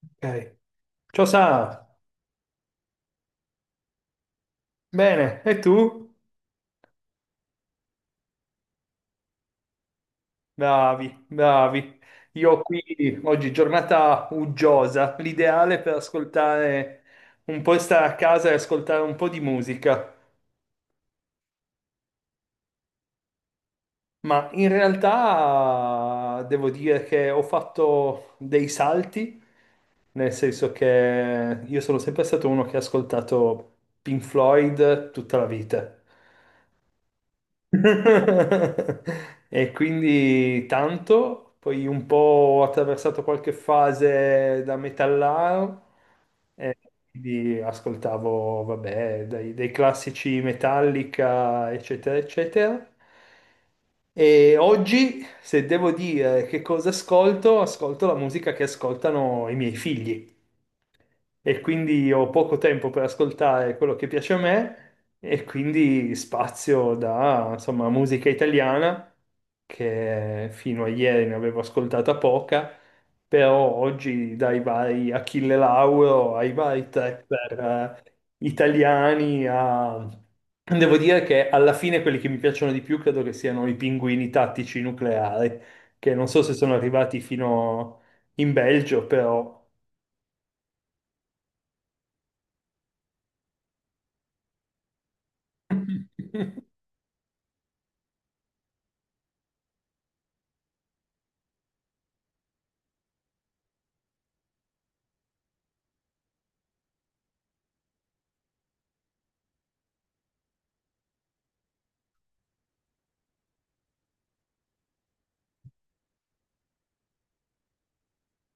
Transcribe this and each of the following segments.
Ok. Ciao Sa, bene, e tu? Bravi, bravi. Io qui oggi giornata uggiosa, l'ideale per ascoltare un po' stare a casa e ascoltare un po' di musica. Ma in realtà devo dire che ho fatto dei salti, nel senso che io sono sempre stato uno che ha ascoltato Pink Floyd tutta la vita. E quindi tanto, poi un po' ho attraversato qualche fase da metallaro, e quindi ascoltavo, vabbè, dai, dei classici Metallica, eccetera, eccetera. E oggi, se devo dire che cosa ascolto, ascolto la musica che ascoltano i miei figli e quindi ho poco tempo per ascoltare quello che piace a me e quindi spazio da, insomma, musica italiana, che fino a ieri ne avevo ascoltata poca, però oggi dai vari Achille Lauro ai vari trapper italiani a... Devo dire che alla fine quelli che mi piacciono di più credo che siano i pinguini tattici nucleari, che non so se sono arrivati fino in Belgio, però...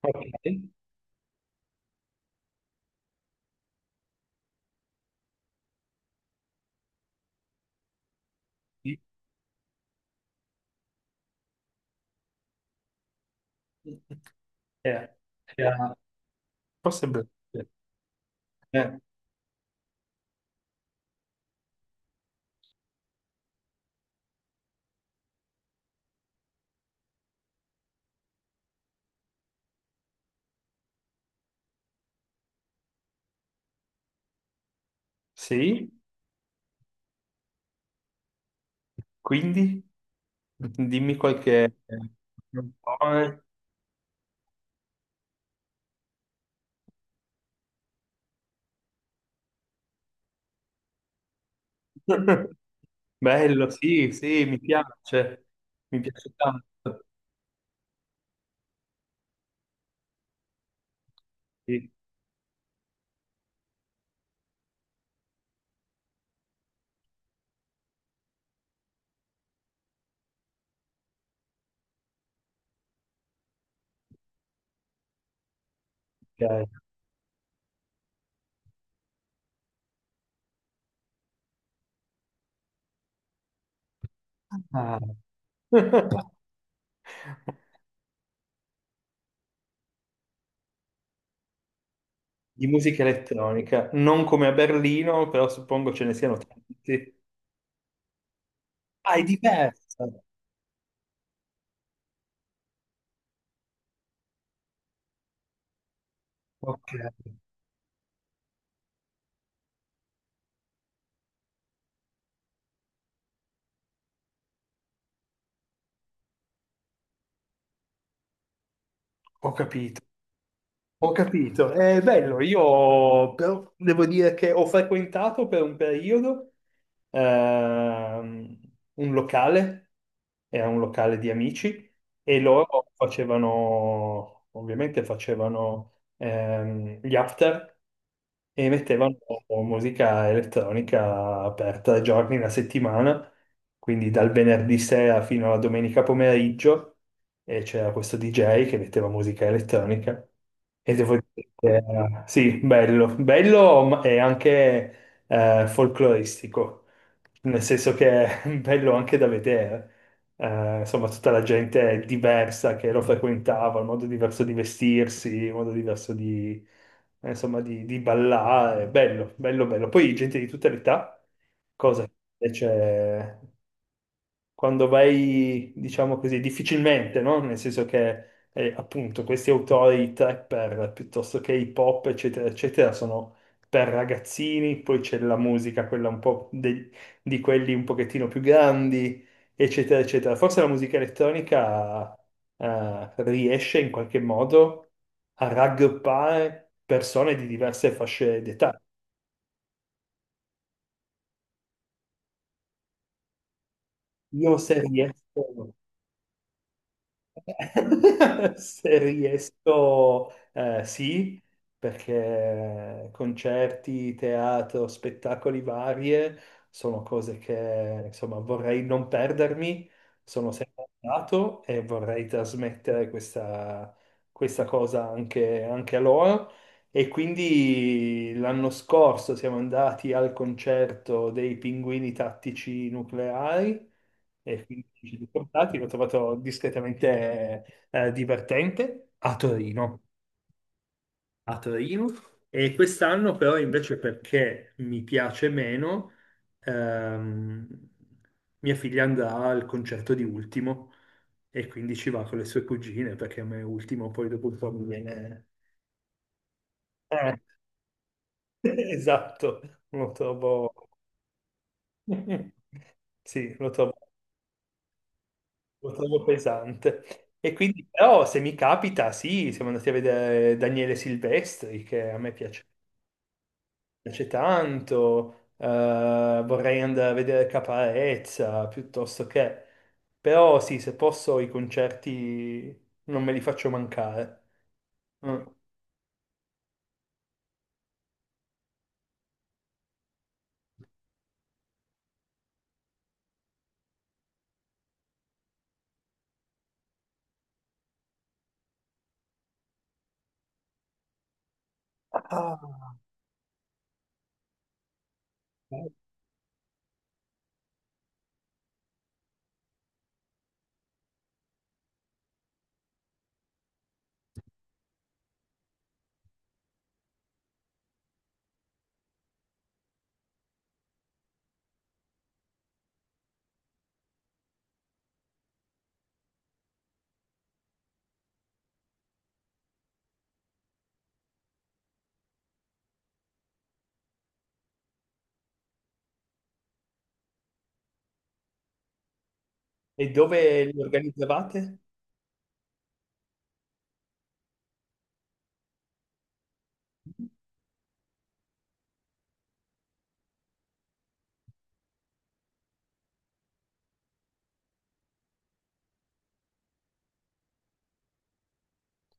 Ok. Sì. Eh, era- Forse Belgio. Eh, sì, quindi dimmi qualche... Bello, sì, sì, mi piace tanto. Sì, ok. Ah. Di musica elettronica, non come a Berlino, però suppongo ce ne siano tanti. Ah, è diversa. Ok, ho capito. Ho capito, è bello, io però devo dire che ho frequentato per un periodo ehm, un locale, era un locale di amici e loro facevano, ovviamente facevano gli after e mettevano musica elettronica per tre giorni la settimana quindi dal venerdì sera fino alla domenica pomeriggio e c'era questo DJ che metteva musica elettronica e devo dire che era, sì, bello, bello ma- e anche folcloristico, nel senso che è bello anche da vedere. Insomma, tutta la gente diversa che lo frequentava, il modo diverso di vestirsi, il modo diverso di, insomma, di ballare, bello, bello, bello. Poi gente di tutta l'età cosa invece quando vai, diciamo così, difficilmente, no? Nel senso che appunto questi autori trapper piuttosto che hip hop, eccetera, eccetera, sono per ragazzini, poi c'è la musica, quella un po' de- di quelli un pochettino più grandi, eccetera, eccetera. Forse la musica elettronica riesce in qualche modo a raggruppare persone di diverse fasce d'età. Io se riesco. Se riesco, sì, perché concerti, teatro, spettacoli varie sono cose che insomma vorrei non perdermi, sono sempre andato e vorrei trasmettere questa, questa cosa anche, anche a loro. E quindi l'anno scorso siamo andati al concerto dei Pinguini Tattici Nucleari e film di portati, l'ho trovato discretamente divertente a Torino. A Torino. E quest'anno però invece perché mi piace meno, ehm, mia figlia andrà al concerto di Ultimo e quindi ci va con le sue cugine perché a me Ultimo poi dopo un po' mi viene... Eh, esatto, lo trovo... Sì, lo trovo Lo trovo pesante. E quindi, però, se mi capita, sì, siamo andati a vedere Daniele Silvestri, che a me piace, piace tanto. Vorrei andare a vedere Caparezza, piuttosto che... Però sì, se posso, i concerti non me li faccio mancare. Mm. Ah, bello. E dove li organizzavate?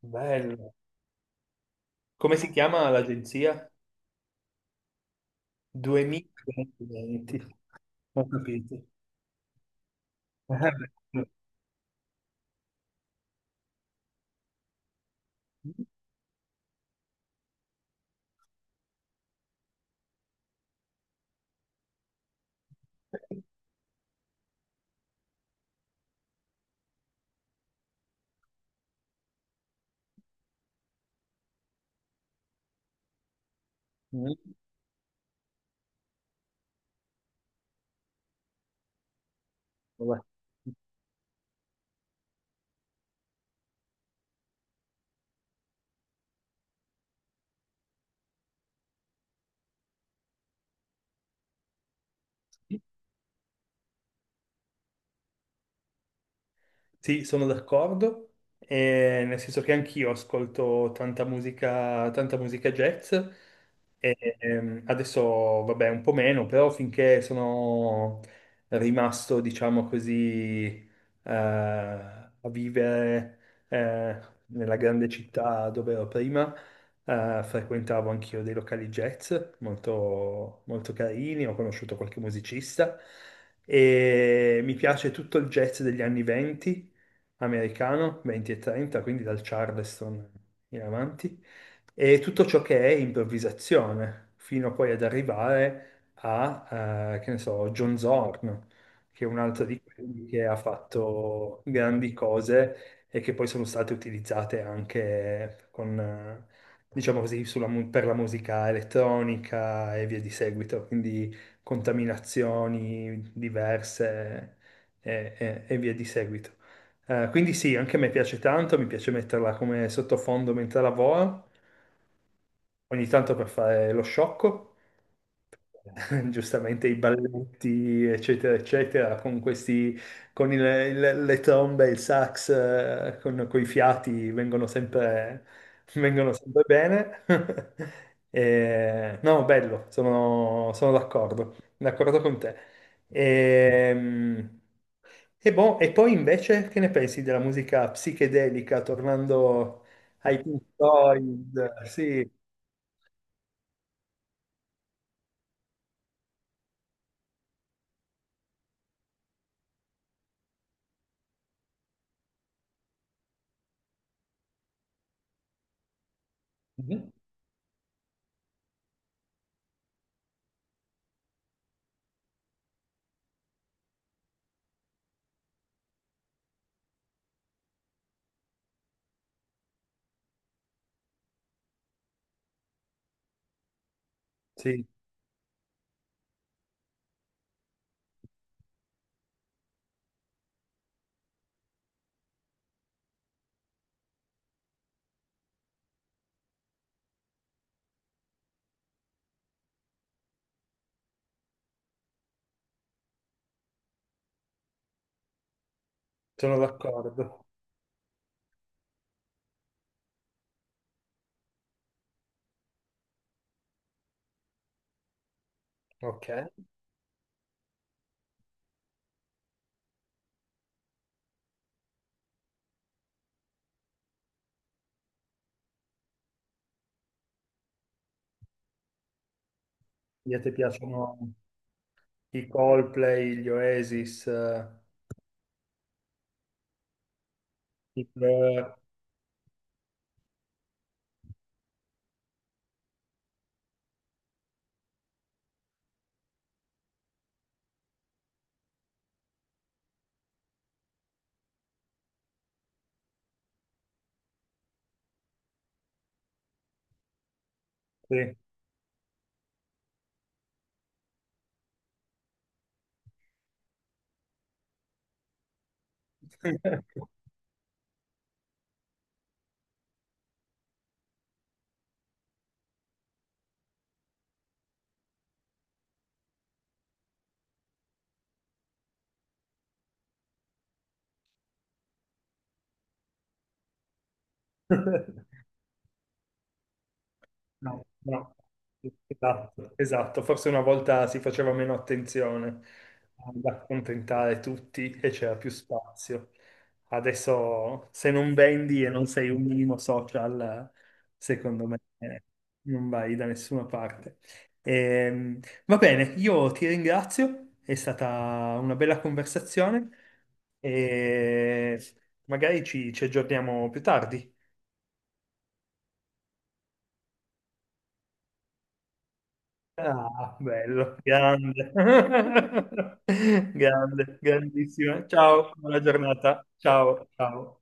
Bello. Come si chiama l'agenzia? 2020. Ho capito. Mamma va. Sì, sono d'accordo, nel senso che anch'io ascolto tanta musica jazz, e, adesso vabbè un po' meno, però finché sono rimasto, diciamo così, a vivere eh, nella grande città dove ero prima, frequentavo anch'io dei locali jazz molto, molto carini, ho conosciuto qualche musicista e mi piace tutto il jazz degli anni 20 americano, 20 e 30, quindi dal Charleston in avanti, e tutto ciò che è improvvisazione, fino poi ad arrivare a, che ne so, John Zorn, che è un altro di quelli che ha fatto grandi cose e che poi sono state utilizzate anche con, diciamo così, sulla mu- per la musica elettronica e via di seguito, quindi contaminazioni diverse e via di seguito. Quindi sì, anche a me piace tanto, mi piace metterla come sottofondo mentre lavoro, ogni tanto per fare lo sciocco. Giustamente i balletti, eccetera, eccetera, con questi, con il- le trombe, il sax, con, coi fiati, vengono sempre bene. E- no, bello, sono, sono d'accordo, d'accordo con te. Ehm, E, boh, e poi invece che ne pensi della musica psichedelica, tornando ai Pink Floyd? Sì, mhm. Sì, sono d'accordo. Ok. Quindi a te piacciono i Coldplay, gli Oasis, i Blur, sì. No, no. Esatto, esatto. Forse una volta si faceva meno attenzione ad accontentare tutti e c'era più spazio. Adesso se non vendi e non sei un minimo social, secondo me non vai da nessuna parte. Ehm, va bene, io ti ringrazio, è stata una bella conversazione e magari ci aggiorniamo più tardi. Ah, bello, grande. Grande, grandissima. Ciao, buona giornata. Ciao, ciao.